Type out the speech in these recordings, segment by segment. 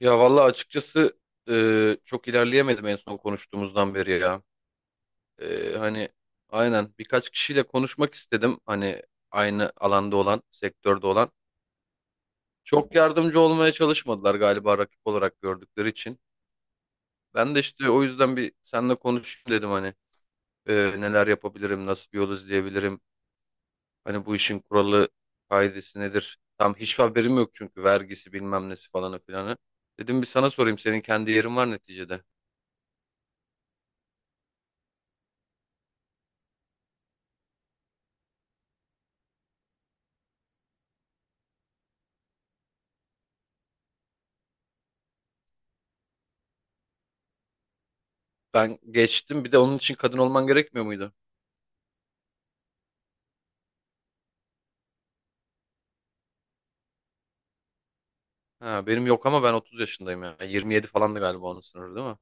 Ya vallahi açıkçası çok ilerleyemedim en son konuştuğumuzdan beri ya. E, hani aynen birkaç kişiyle konuşmak istedim. Hani aynı alanda olan, sektörde olan. Çok yardımcı olmaya çalışmadılar galiba rakip olarak gördükleri için. Ben de işte o yüzden bir seninle konuşayım dedim hani E, neler yapabilirim, nasıl bir yol izleyebilirim. Hani bu işin kuralı, kaidesi nedir? Tam hiçbir haberim yok çünkü vergisi bilmem nesi falanı filanı. Dedim bir sana sorayım, senin kendi yerin var neticede. Ben geçtim, bir de onun için kadın olman gerekmiyor muydu? Ha, benim yok ama ben 30 yaşındayım ya. 27 falandı galiba onun sınırı, değil mi?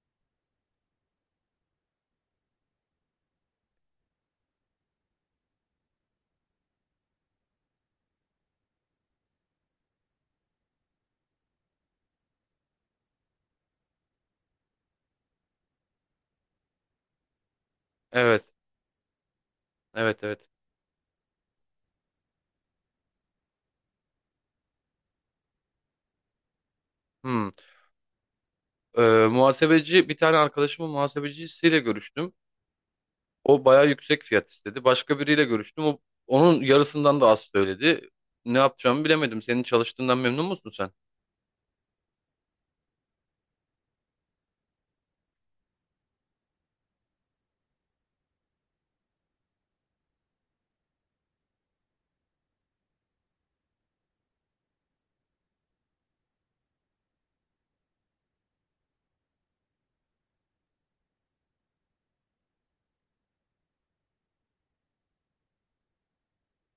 Evet. Evet, evet. Hmm. Ee, muhasebeci, bir tane arkadaşımın muhasebecisiyle görüştüm. O bayağı yüksek fiyat istedi. Başka biriyle görüştüm. Onun yarısından da az söyledi. Ne yapacağımı bilemedim. Senin çalıştığından memnun musun sen?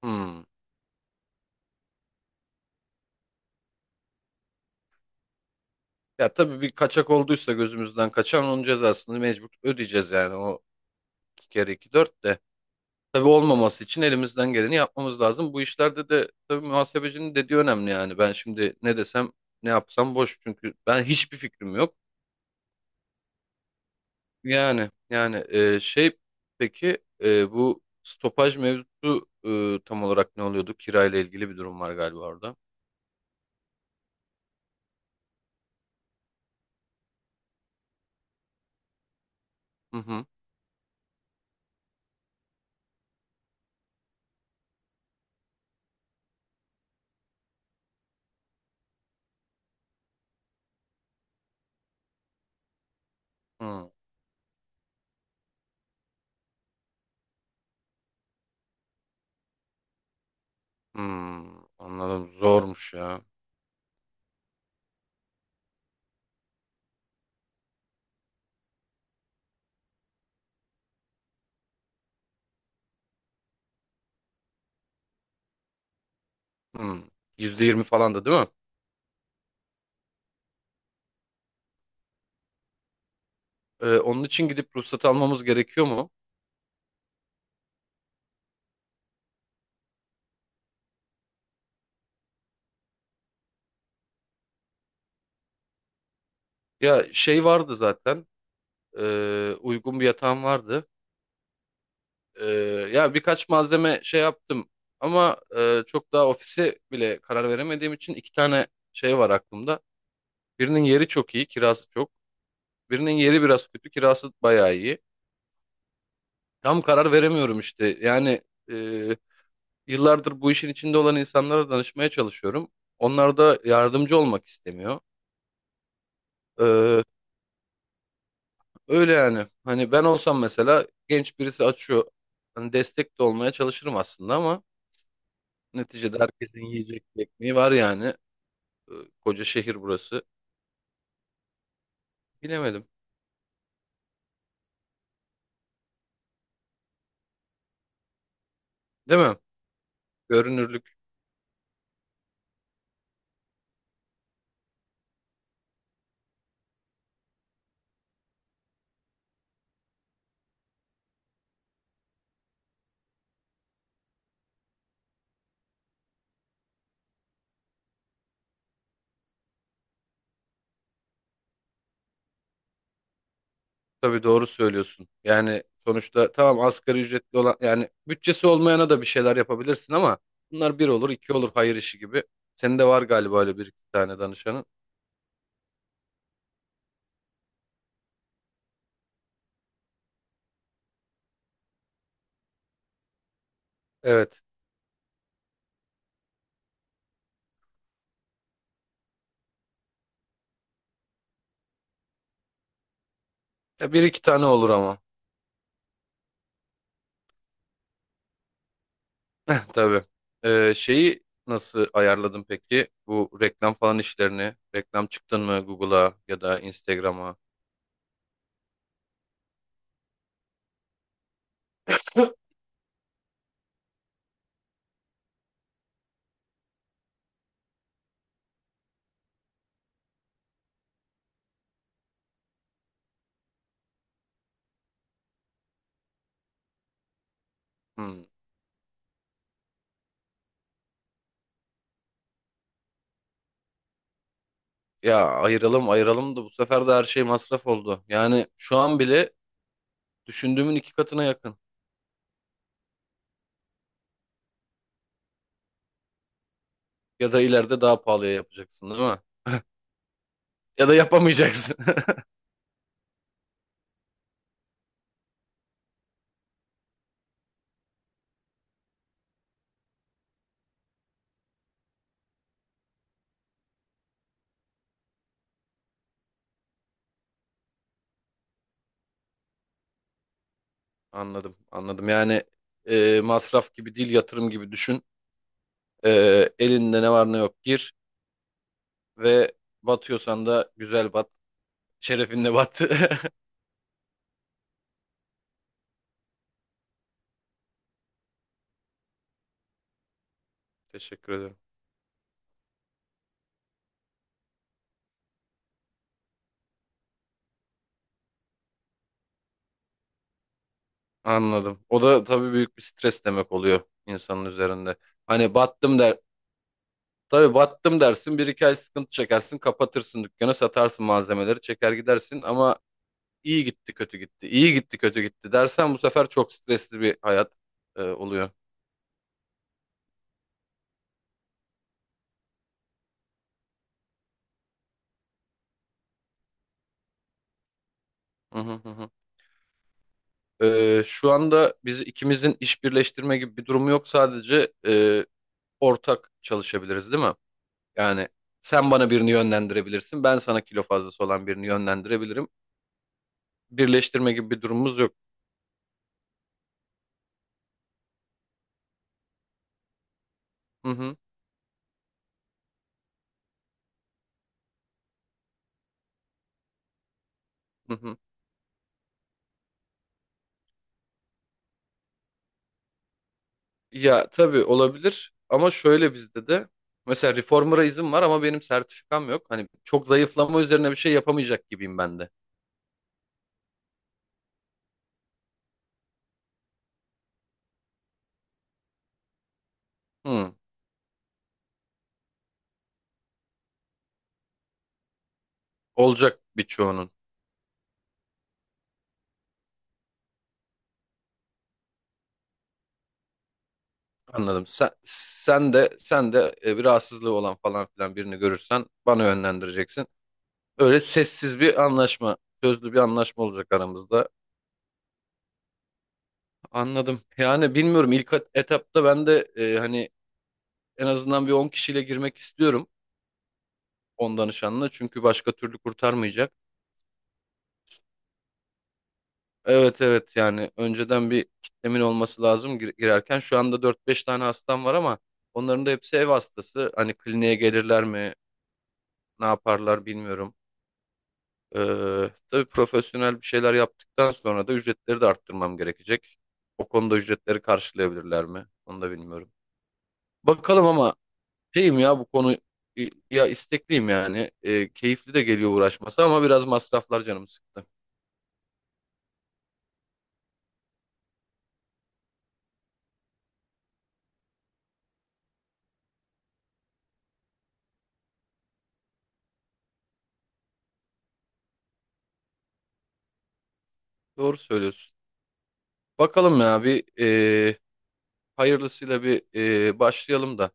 Hmm. Ya tabii bir kaçak olduysa gözümüzden kaçan, onun cezasını mecbur ödeyeceğiz yani. O iki kere iki dört de. Tabii olmaması için elimizden geleni yapmamız lazım. Bu işlerde de tabii muhasebecinin dediği önemli yani. Ben şimdi ne desem ne yapsam boş çünkü ben hiçbir fikrim yok. Yani peki bu stopaj mevzusu tam olarak ne oluyordu? Kirayla ilgili bir durum var galiba orada. Hı hı. Hı. Hmm, anladım. Zormuş ya. Hmm. %20 falan da değil mi? Onun için gidip ruhsat almamız gerekiyor mu? Ya şey vardı zaten. Uygun bir yatağım vardı. Ee, Ya birkaç malzeme şey yaptım ama çok daha ofise bile karar veremediğim için iki tane şey var aklımda. Birinin yeri çok iyi, kirası çok. Birinin yeri biraz kötü, kirası bayağı iyi. Tam karar veremiyorum işte. Yani e, yıllardır bu işin içinde olan insanlara danışmaya çalışıyorum. Onlar da yardımcı olmak istemiyor. Ee, Öyle yani. Hani ben olsam mesela genç birisi açıyor. Hani destek de olmaya çalışırım aslında ama neticede herkesin yiyecek bir ekmeği var yani. e, Koca şehir burası. Bilemedim. Değil mi? Görünürlük, tabii doğru söylüyorsun. Yani sonuçta tamam, asgari ücretli olan yani bütçesi olmayana da bir şeyler yapabilirsin ama bunlar bir olur iki olur, hayır işi gibi. Senin de var galiba öyle bir iki tane danışanın. Evet. Ya bir iki tane olur ama. Tabii. Şeyi nasıl ayarladın peki? Bu reklam falan işlerini. Reklam çıktın mı Google'a ya da Instagram'a? Hmm. Ya ayıralım ayıralım da bu sefer de her şey masraf oldu. Yani şu an bile düşündüğümün iki katına yakın. Ya da ileride daha pahalıya yapacaksın, değil mi? Ya da yapamayacaksın. Anladım, anladım. Yani masraf gibi değil, yatırım gibi düşün. E, Elinde ne var ne yok gir ve batıyorsan da güzel bat. Şerefinle bat. Teşekkür ederim. Anladım. O da tabii büyük bir stres demek oluyor insanın üzerinde. Hani battım der. Tabii battım dersin, bir iki ay sıkıntı çekersin, kapatırsın dükkanı, satarsın malzemeleri, çeker gidersin ama iyi gitti, kötü gitti, iyi gitti, kötü gitti dersen bu sefer çok stresli bir hayat oluyor. Hı hı hı. Hı. Şu anda biz ikimizin iş birleştirme gibi bir durumu yok, sadece ortak çalışabiliriz, değil mi? Yani sen bana birini yönlendirebilirsin, ben sana kilo fazlası olan birini yönlendirebilirim. Birleştirme gibi bir durumumuz yok. Hı hı hı. Hı. Ya tabii olabilir ama şöyle, bizde de mesela reformer'a izin var ama benim sertifikam yok. Hani çok zayıflama üzerine bir şey yapamayacak gibiyim ben de. Hı, olacak birçoğunun. Anladım. Sen de bir rahatsızlığı olan falan filan birini görürsen bana yönlendireceksin. Öyle sessiz bir anlaşma, sözlü bir anlaşma olacak aramızda. Anladım. Yani bilmiyorum, ilk etapta ben de hani en azından bir 10 kişiyle girmek istiyorum, 10 danışanla, çünkü başka türlü kurtarmayacak. Evet, evet, yani önceden bir kitlemin olması lazım girerken. Şu anda dört beş tane hastam var ama onların da hepsi ev hastası. Hani kliniğe gelirler mi, ne yaparlar bilmiyorum. Tabii profesyonel bir şeyler yaptıktan sonra da ücretleri de arttırmam gerekecek. O konuda ücretleri karşılayabilirler mi? Onu da bilmiyorum. Bakalım ama şeyim ya, bu konu, ya istekliyim yani. Keyifli de geliyor uğraşması ama biraz masraflar canımı sıktı. Doğru söylüyorsun. Bakalım ya, bir hayırlısıyla bir başlayalım da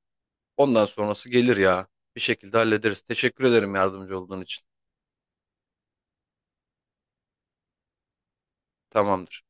ondan sonrası gelir ya. Bir şekilde hallederiz. Teşekkür ederim yardımcı olduğun için. Tamamdır.